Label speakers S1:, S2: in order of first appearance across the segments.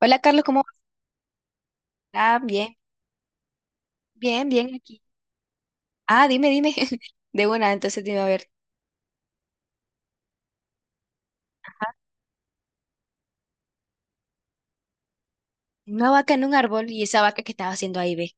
S1: Hola Carlos, ¿cómo vas? Ah, bien, bien, bien aquí. Ah, dime, dime. De buena. Entonces dime, a ver, una vaca en un árbol y esa vaca que estaba haciendo ahí, ve.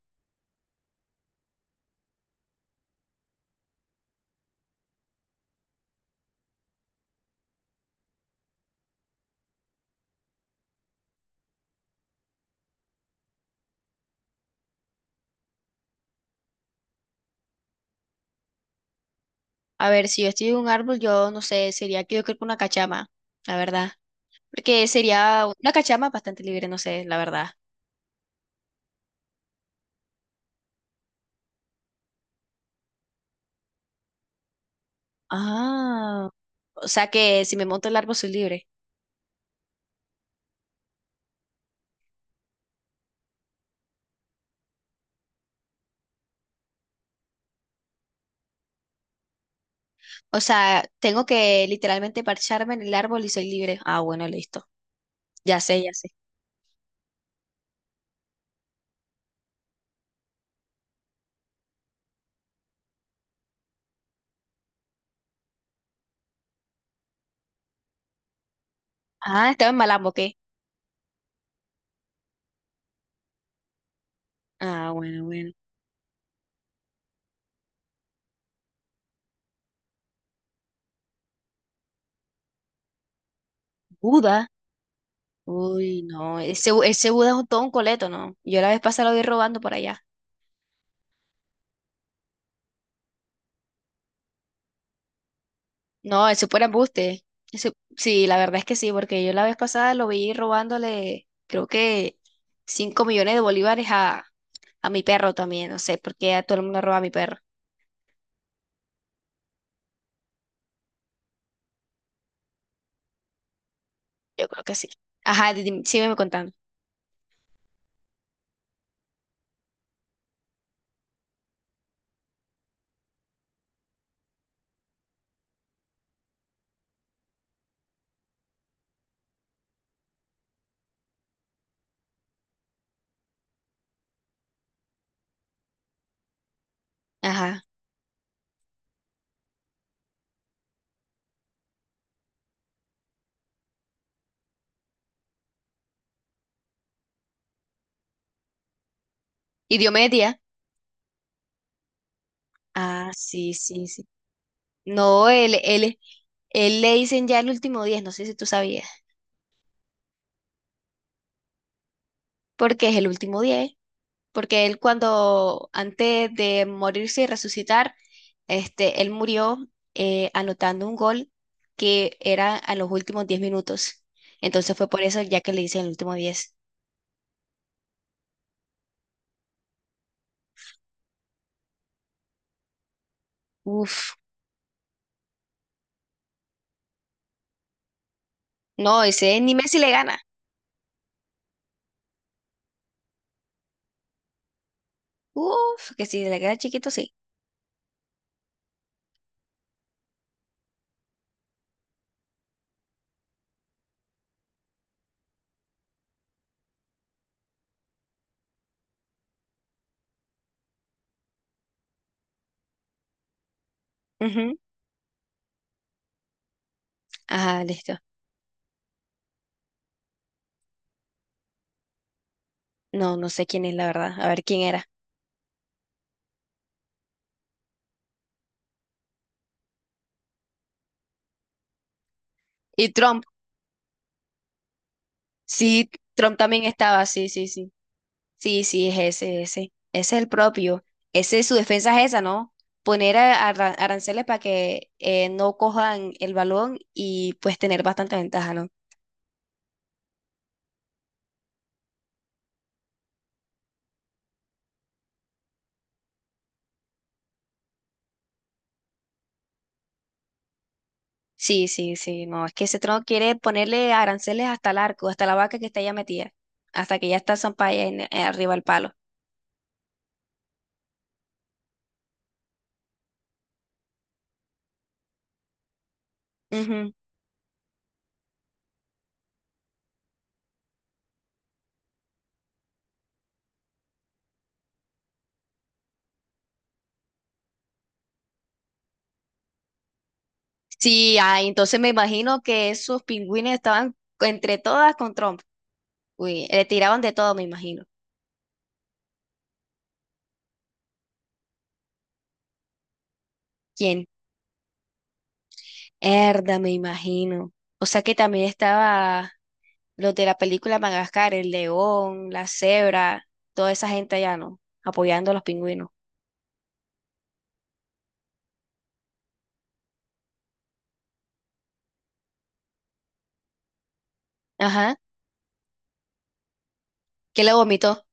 S1: A ver, si yo estoy en un árbol, yo no sé, sería que yo creo que una cachama, la verdad. Porque sería una cachama bastante libre, no sé, la verdad. Ah, o sea que si me monto el árbol soy libre. O sea, tengo que literalmente parcharme en el árbol y soy libre. Ah, bueno, listo. Ya sé, ya sé. Ah, estaba en Malambo, ¿qué? Ah, bueno, bueno. ¿Buda? Uy, no, ese Buda es todo un coleto, ¿no? Yo la vez pasada lo vi robando por allá. No, ese fue embuste. Ese, sí, la verdad es que sí, porque yo la vez pasada lo vi robándole, creo que 5 millones de bolívares a mi perro también, no sé, porque a todo el mundo roba a mi perro. Yo creo que sí. Ajá, sígueme contando. Ajá. ¿Y Diomedes? Ah, sí, sí, sí. No, él le dicen ya el último diez, no sé si tú sabías, porque es el último 10 porque él cuando, antes de morirse y resucitar, este, él murió anotando un gol que era a los últimos 10 minutos. Entonces fue por eso ya que le hice el último diez. Uf, no, ese ni Messi le gana. Uf, que si le queda chiquito, sí. Ujú. Ajá, listo. No, no sé quién es la verdad. A ver quién era. Y Trump. Sí, Trump también estaba, sí, sí, sí. Sí, sí, es ese, ese. Ese es el propio. Ese, su defensa es esa, ¿no? Poner aranceles para que no cojan el balón y pues tener bastante ventaja, ¿no? Sí, sí, sí, no. Es que ese trono quiere ponerle aranceles hasta el arco, hasta la vaca que está ya metida, hasta que ya está Zampaya arriba del palo. Ujú. Sí, ah, entonces me imagino que esos pingüines estaban entre todas con Trump. Uy, le tiraban de todo, me imagino. ¿Quién? Herda, me imagino. O sea que también estaba. Los de la película Madagascar, el león, la cebra, toda esa gente allá, ¿no? Apoyando a los pingüinos. Ajá. Que le vomitó.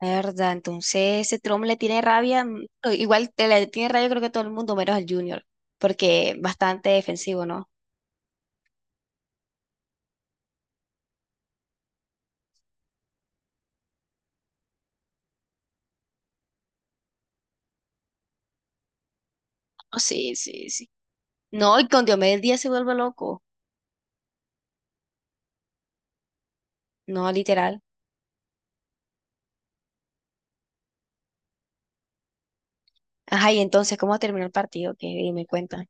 S1: La verdad, entonces ese Trump le tiene rabia, o igual te le tiene rabia creo que todo el mundo, menos el Junior, porque bastante defensivo, ¿no? Oh, sí, sí, sí. No, y con Diomedes Díaz se vuelve loco. No, literal. Ajá, y entonces, ¿cómo terminó el partido? Que me cuentan.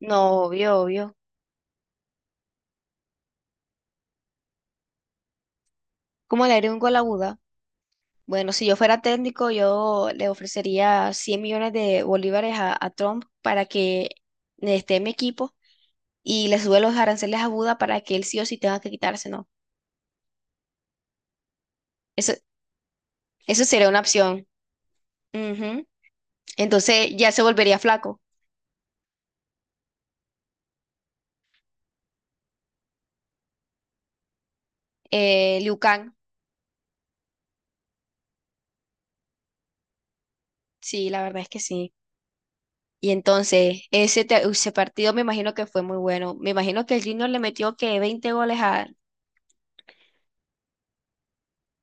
S1: No, obvio, obvio. ¿Cómo le haré un gol a Buda? Bueno, si yo fuera técnico, yo le ofrecería 100 millones de bolívares a, Trump para que esté en mi equipo y le sube los aranceles a Buda para que él sí o sí tenga que quitarse, ¿no? Eso, eso sería una opción. Ujú. Entonces ya se volvería flaco. Liu Kang, sí, la verdad es que sí. Y entonces ese partido me imagino que fue muy bueno. Me imagino que el Junior le metió que 20 goles a,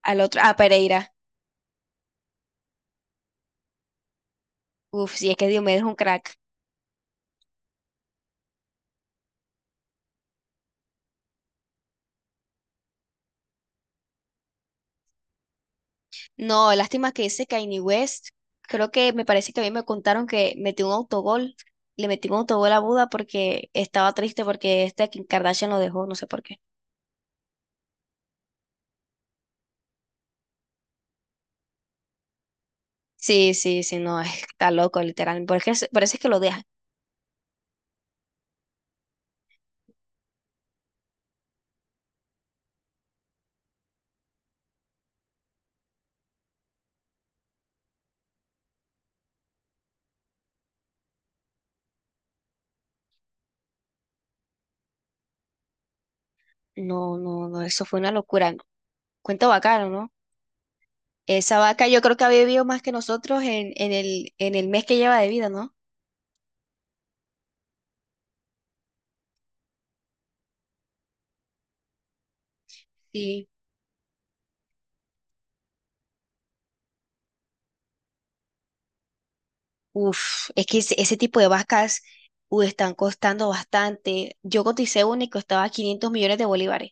S1: al otro, a Pereira. Uf, sí, es que Diomedes es un crack. No, lástima que ese Kanye West, creo que me parece que a mí me contaron que metió un autogol, le metió un autogol a Buda porque estaba triste porque este Kim Kardashian lo dejó, no sé por qué. Sí, sí, sí, no, está loco, literal. Porque parece que lo deja. No, no, no, eso fue una locura. Cuento bacano, ¿no? Esa vaca yo creo que ha vivido más que nosotros en el mes que lleva de vida, ¿no? Sí. Uf, es que ese tipo de vacas, están costando bastante. Yo coticé una y costaba 500 millones de bolívares.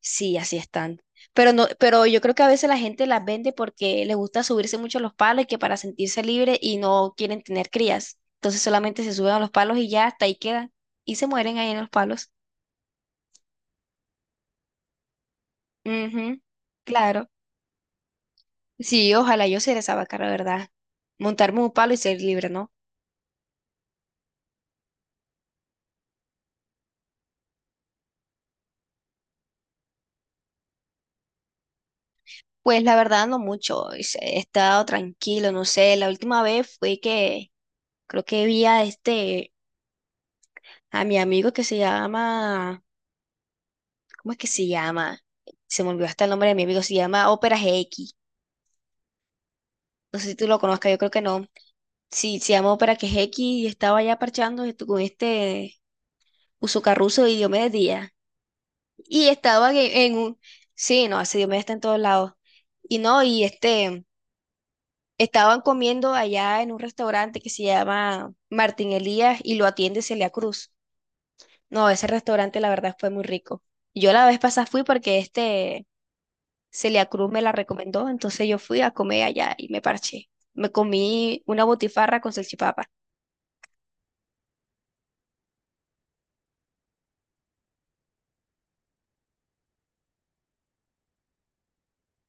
S1: Sí, así están. Pero no, pero yo creo que a veces la gente las vende porque les gusta subirse mucho a los palos y que para sentirse libre y no quieren tener crías. Entonces solamente se suben a los palos y ya hasta ahí quedan. Y se mueren ahí en los palos. Ujú, claro. Sí, ojalá yo ser esa vaca, la verdad. Montarme un palo y ser libre, ¿no? Pues la verdad no mucho. He estado tranquilo, no sé. La última vez fue que creo que vi a este, a mi amigo que se llama. ¿Cómo es que se llama? Se me olvidó hasta el nombre de mi amigo, se llama Ópera GX. No sé si tú lo conozcas, yo creo que no. Sí, se llama Ópera GX y estaba ya parchando esto con este Usucarruso y Diomedes Díaz. Y estaban en un... Sí, no, ese Diomedes está en todos lados. Y no, y este... Estaban comiendo allá en un restaurante que se llama Martín Elías y lo atiende Celia Cruz. No, ese restaurante la verdad fue muy rico. Yo la vez pasada fui porque este Celia Cruz me la recomendó, entonces yo fui a comer allá y me parché. Me comí una botifarra con salchipapa.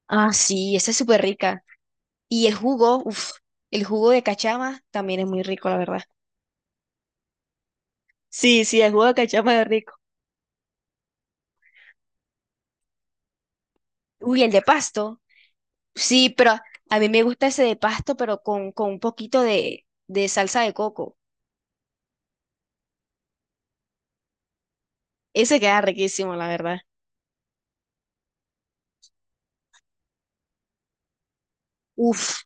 S1: Ah, sí, esa es súper rica. Y el jugo, uff, el jugo de cachama también es muy rico, la verdad. Sí, sí, el jugo de cachama es rico. Uy, el de pasto. Sí, pero a mí me gusta ese de pasto, pero con un poquito de salsa de coco. Ese queda riquísimo, la verdad. Uf,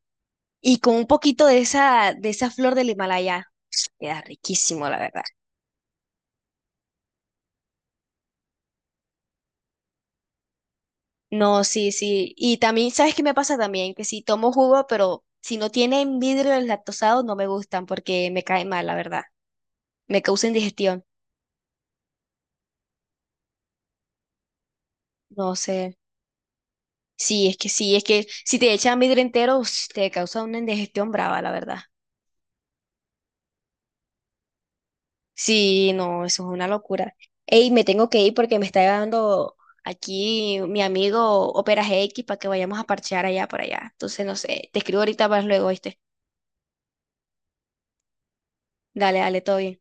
S1: y con un poquito de esa flor del Himalaya. Queda riquísimo, la verdad. No, sí, sí. Y también, ¿sabes qué me pasa también? Que si tomo jugo, pero si no tienen vidrio lactosado no me gustan porque me cae mal, la verdad. Me causa indigestión. No sé. Sí, es que si te echan vidrio entero, ush, te causa una indigestión brava, la verdad. Sí, no, eso es una locura. Ey, me tengo que ir porque me está llegando aquí mi amigo Opera GX para que vayamos a parchear allá por allá. Entonces, no sé, te escribo ahorita más luego, ¿viste? Dale, dale, todo bien.